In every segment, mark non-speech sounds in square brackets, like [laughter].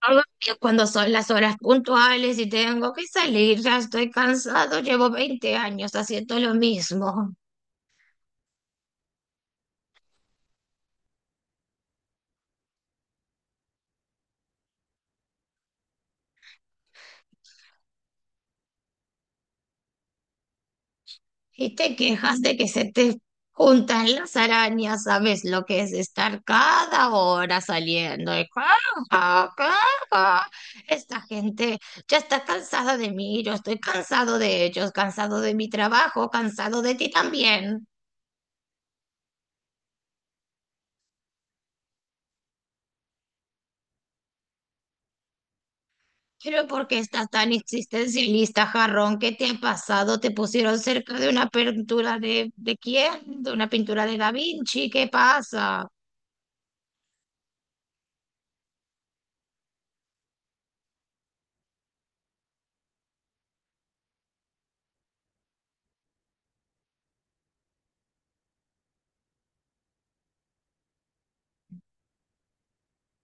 Algo que cuando son las horas puntuales y tengo que salir, ya estoy cansado, llevo 20 años haciendo lo mismo y te quejas de que se te juntan las arañas, ¿sabes lo que es estar cada hora saliendo? Y caja, caja. Esta gente ya está cansada de mí, yo estoy cansado de ellos, cansado de mi trabajo, cansado de ti también. Pero ¿por qué estás tan existencialista, jarrón? ¿Qué te ha pasado? ¿Te pusieron cerca de una pintura de quién? ¿De una pintura de Da Vinci? ¿Qué pasa?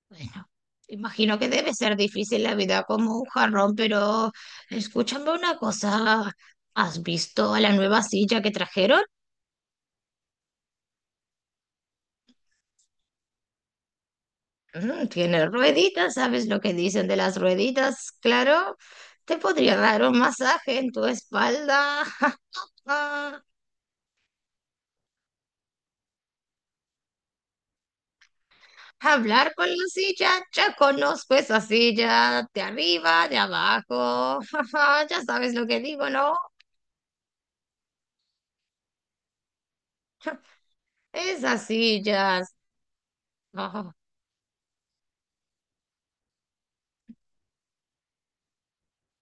Bueno, imagino que debe ser difícil la vida como un jarrón, pero escúchame una cosa. ¿Has visto a la nueva silla que trajeron? Mm, tiene rueditas, ¿sabes lo que dicen de las rueditas? Claro, te podría dar un masaje en tu espalda. [laughs] Hablar con la silla, ya conozco esa silla, de arriba, de abajo, [laughs] jaja, ya sabes lo que digo, ¿no? Esas sillas. Ah,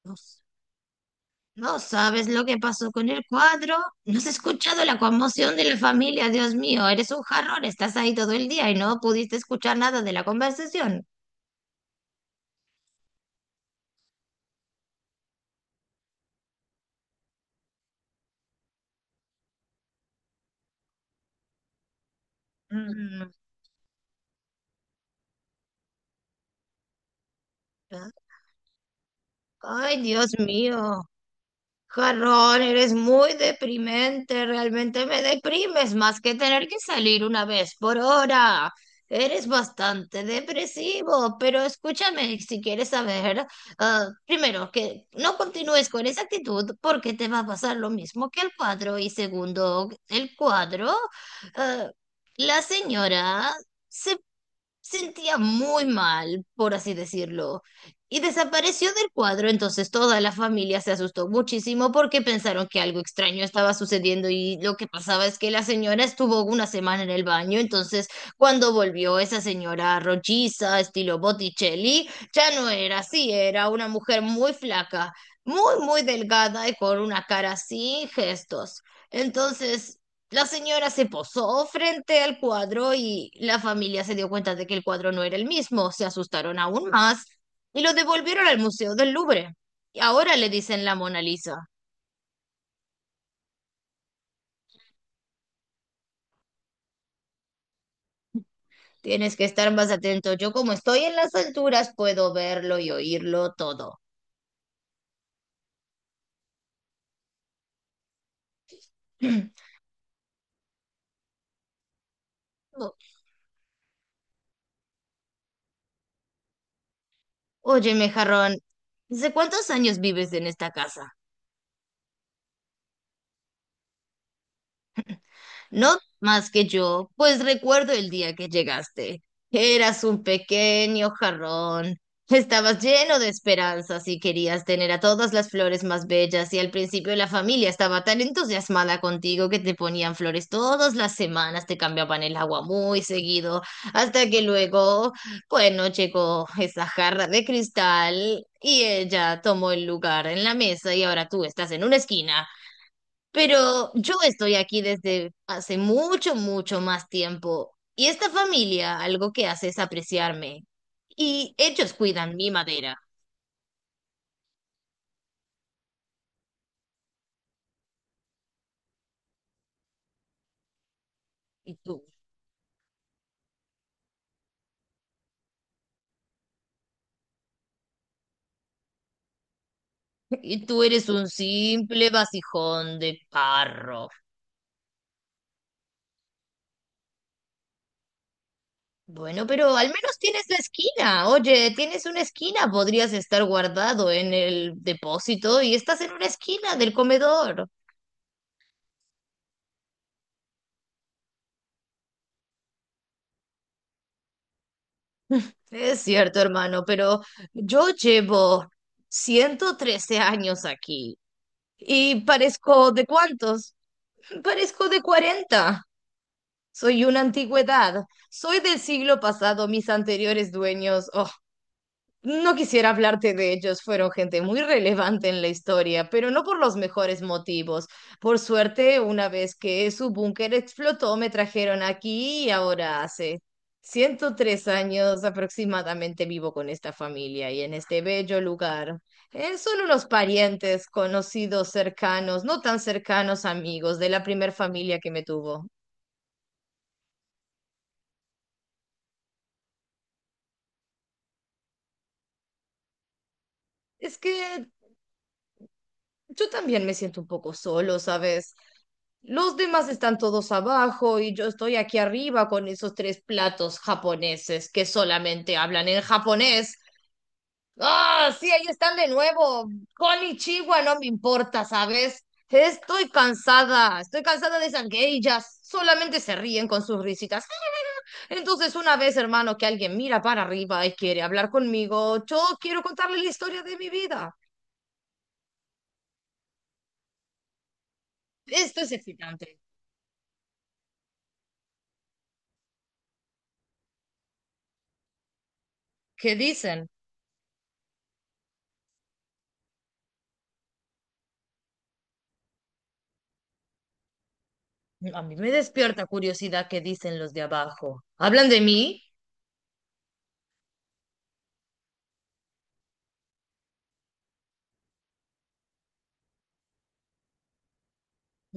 no, no sabes lo que pasó con el cuadro. No has escuchado la conmoción de la familia, Dios mío, eres un jarrón, estás ahí todo el día y no pudiste escuchar nada de la conversación. Mm. Ay, Dios mío. Jarrón, eres muy deprimente, realmente me deprimes más que tener que salir una vez por hora. Eres bastante depresivo, pero escúchame si quieres saber, ah, primero, que no continúes con esa actitud porque te va a pasar lo mismo que el cuadro. Y segundo, el cuadro, ah, la señora se sentía muy mal, por así decirlo, y desapareció del cuadro, entonces toda la familia se asustó muchísimo porque pensaron que algo extraño estaba sucediendo y lo que pasaba es que la señora estuvo una semana en el baño, entonces cuando volvió esa señora rolliza, estilo Botticelli, ya no era así, era una mujer muy flaca, muy, muy delgada y con una cara sin gestos. Entonces... La señora se posó frente al cuadro y la familia se dio cuenta de que el cuadro no era el mismo, se asustaron aún más y lo devolvieron al Museo del Louvre. Y ahora le dicen la Mona Lisa. Tienes que estar más atento. Yo como estoy en las alturas puedo verlo y oírlo todo. [clears throat] O- Óyeme, jarrón, ¿desde cuántos años vives en esta casa? No más que yo, pues recuerdo el día que llegaste. Eras un pequeño jarrón. Estabas lleno de esperanzas y querías tener a todas las flores más bellas y al principio la familia estaba tan entusiasmada contigo que te ponían flores todas las semanas, te cambiaban el agua muy seguido, hasta que luego, bueno, llegó esa jarra de cristal y ella tomó el lugar en la mesa y ahora tú estás en una esquina pero yo estoy aquí desde hace mucho, mucho más tiempo y esta familia algo que hace es apreciarme y ellos cuidan mi madera y tú, y tú eres un simple vasijón de carro. Bueno, pero al menos tienes la esquina. Oye, tienes una esquina, podrías estar guardado en el depósito y estás en una esquina del comedor. Es cierto, hermano, pero yo llevo 113 años aquí. ¿Y parezco de cuántos? Parezco de 40. Soy una antigüedad. Soy del siglo pasado. Mis anteriores dueños. Oh. No quisiera hablarte de ellos, fueron gente muy relevante en la historia, pero no por los mejores motivos. Por suerte, una vez que su búnker explotó, me trajeron aquí y ahora hace 103 años aproximadamente vivo con esta familia y en este bello lugar. Son unos parientes, conocidos, cercanos, no tan cercanos, amigos de la primer familia que me tuvo. Es que yo también me siento un poco solo, ¿sabes? Los demás están todos abajo y yo estoy aquí arriba con esos tres platos japoneses que solamente hablan en japonés. ¡Ah! Sí, ahí están de nuevo. Konnichiwa, no me importa, ¿sabes? Estoy cansada de esas geishas. Solamente se ríen con sus risitas. [laughs] Entonces, una vez, hermano, que alguien mira para arriba y quiere hablar conmigo, yo quiero contarle la historia de mi vida. Esto es excitante. ¿Qué dicen? A mí me despierta curiosidad qué dicen los de abajo. ¿Hablan de mí?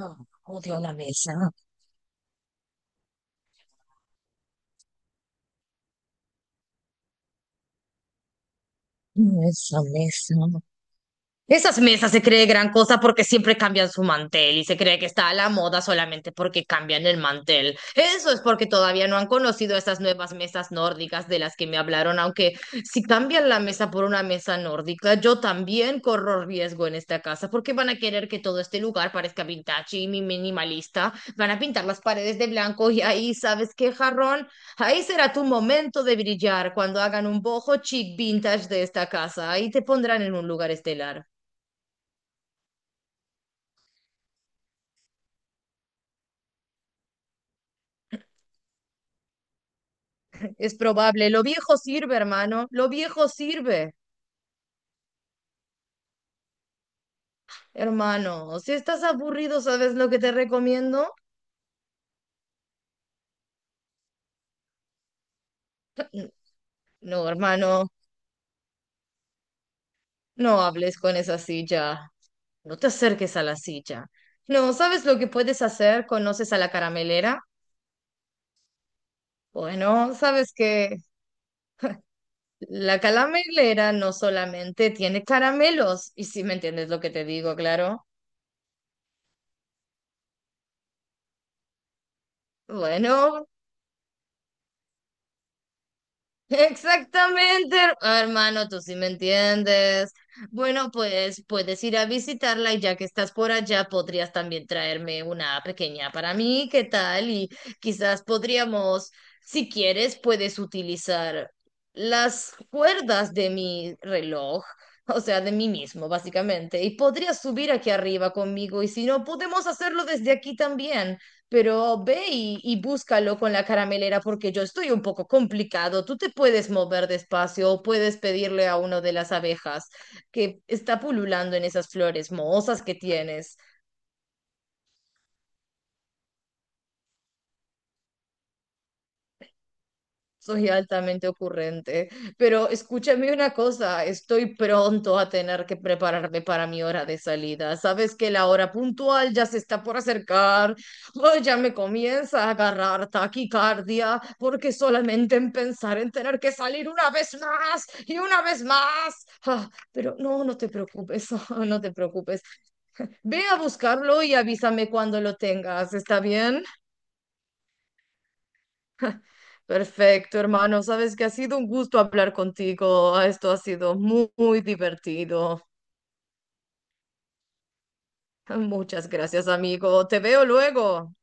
No, odio la mesa. No, esa mesa. Esas mesas se cree gran cosa porque siempre cambian su mantel y se cree que está a la moda solamente porque cambian el mantel. Eso es porque todavía no han conocido esas nuevas mesas nórdicas de las que me hablaron, aunque si cambian la mesa por una mesa nórdica, yo también corro riesgo en esta casa porque van a querer que todo este lugar parezca vintage y minimalista. Van a pintar las paredes de blanco y ahí, ¿sabes qué, jarrón? Ahí será tu momento de brillar cuando hagan un bojo chic vintage de esta casa. Ahí te pondrán en un lugar estelar. Es probable, lo viejo sirve, hermano, lo viejo sirve, hermano. Si estás aburrido, ¿sabes lo que te recomiendo? No, hermano, no hables con esa silla, no te acerques a la silla. No, ¿sabes lo que puedes hacer? ¿Conoces a la caramelera? Bueno, sabes que la caramelera no solamente tiene caramelos, y si me entiendes lo que te digo, claro. Bueno, exactamente, hermano, tú sí me entiendes. Bueno, pues puedes ir a visitarla y ya que estás por allá, podrías también traerme una pequeña para mí, ¿qué tal? Y quizás podríamos, si quieres, puedes utilizar las cuerdas de mi reloj, o sea, de mí mismo, básicamente, y podrías subir aquí arriba conmigo y si no, podemos hacerlo desde aquí también pero ve y búscalo con la caramelera porque yo estoy un poco complicado. Tú te puedes mover despacio o puedes pedirle a uno de las abejas que está pululando en esas flores mohosas que tienes. Soy altamente ocurrente, pero escúchame una cosa, estoy pronto a tener que prepararme para mi hora de salida. Sabes que la hora puntual ya se está por acercar. Ay, ya me comienza a agarrar taquicardia porque solamente en pensar en tener que salir una vez más y una vez más. Ah, pero no, no te preocupes, [laughs] no te preocupes. Ve a buscarlo y avísame cuando lo tengas, ¿está bien? Perfecto, hermano. Sabes que ha sido un gusto hablar contigo. Esto ha sido muy, muy divertido. Muchas gracias, amigo. Te veo luego.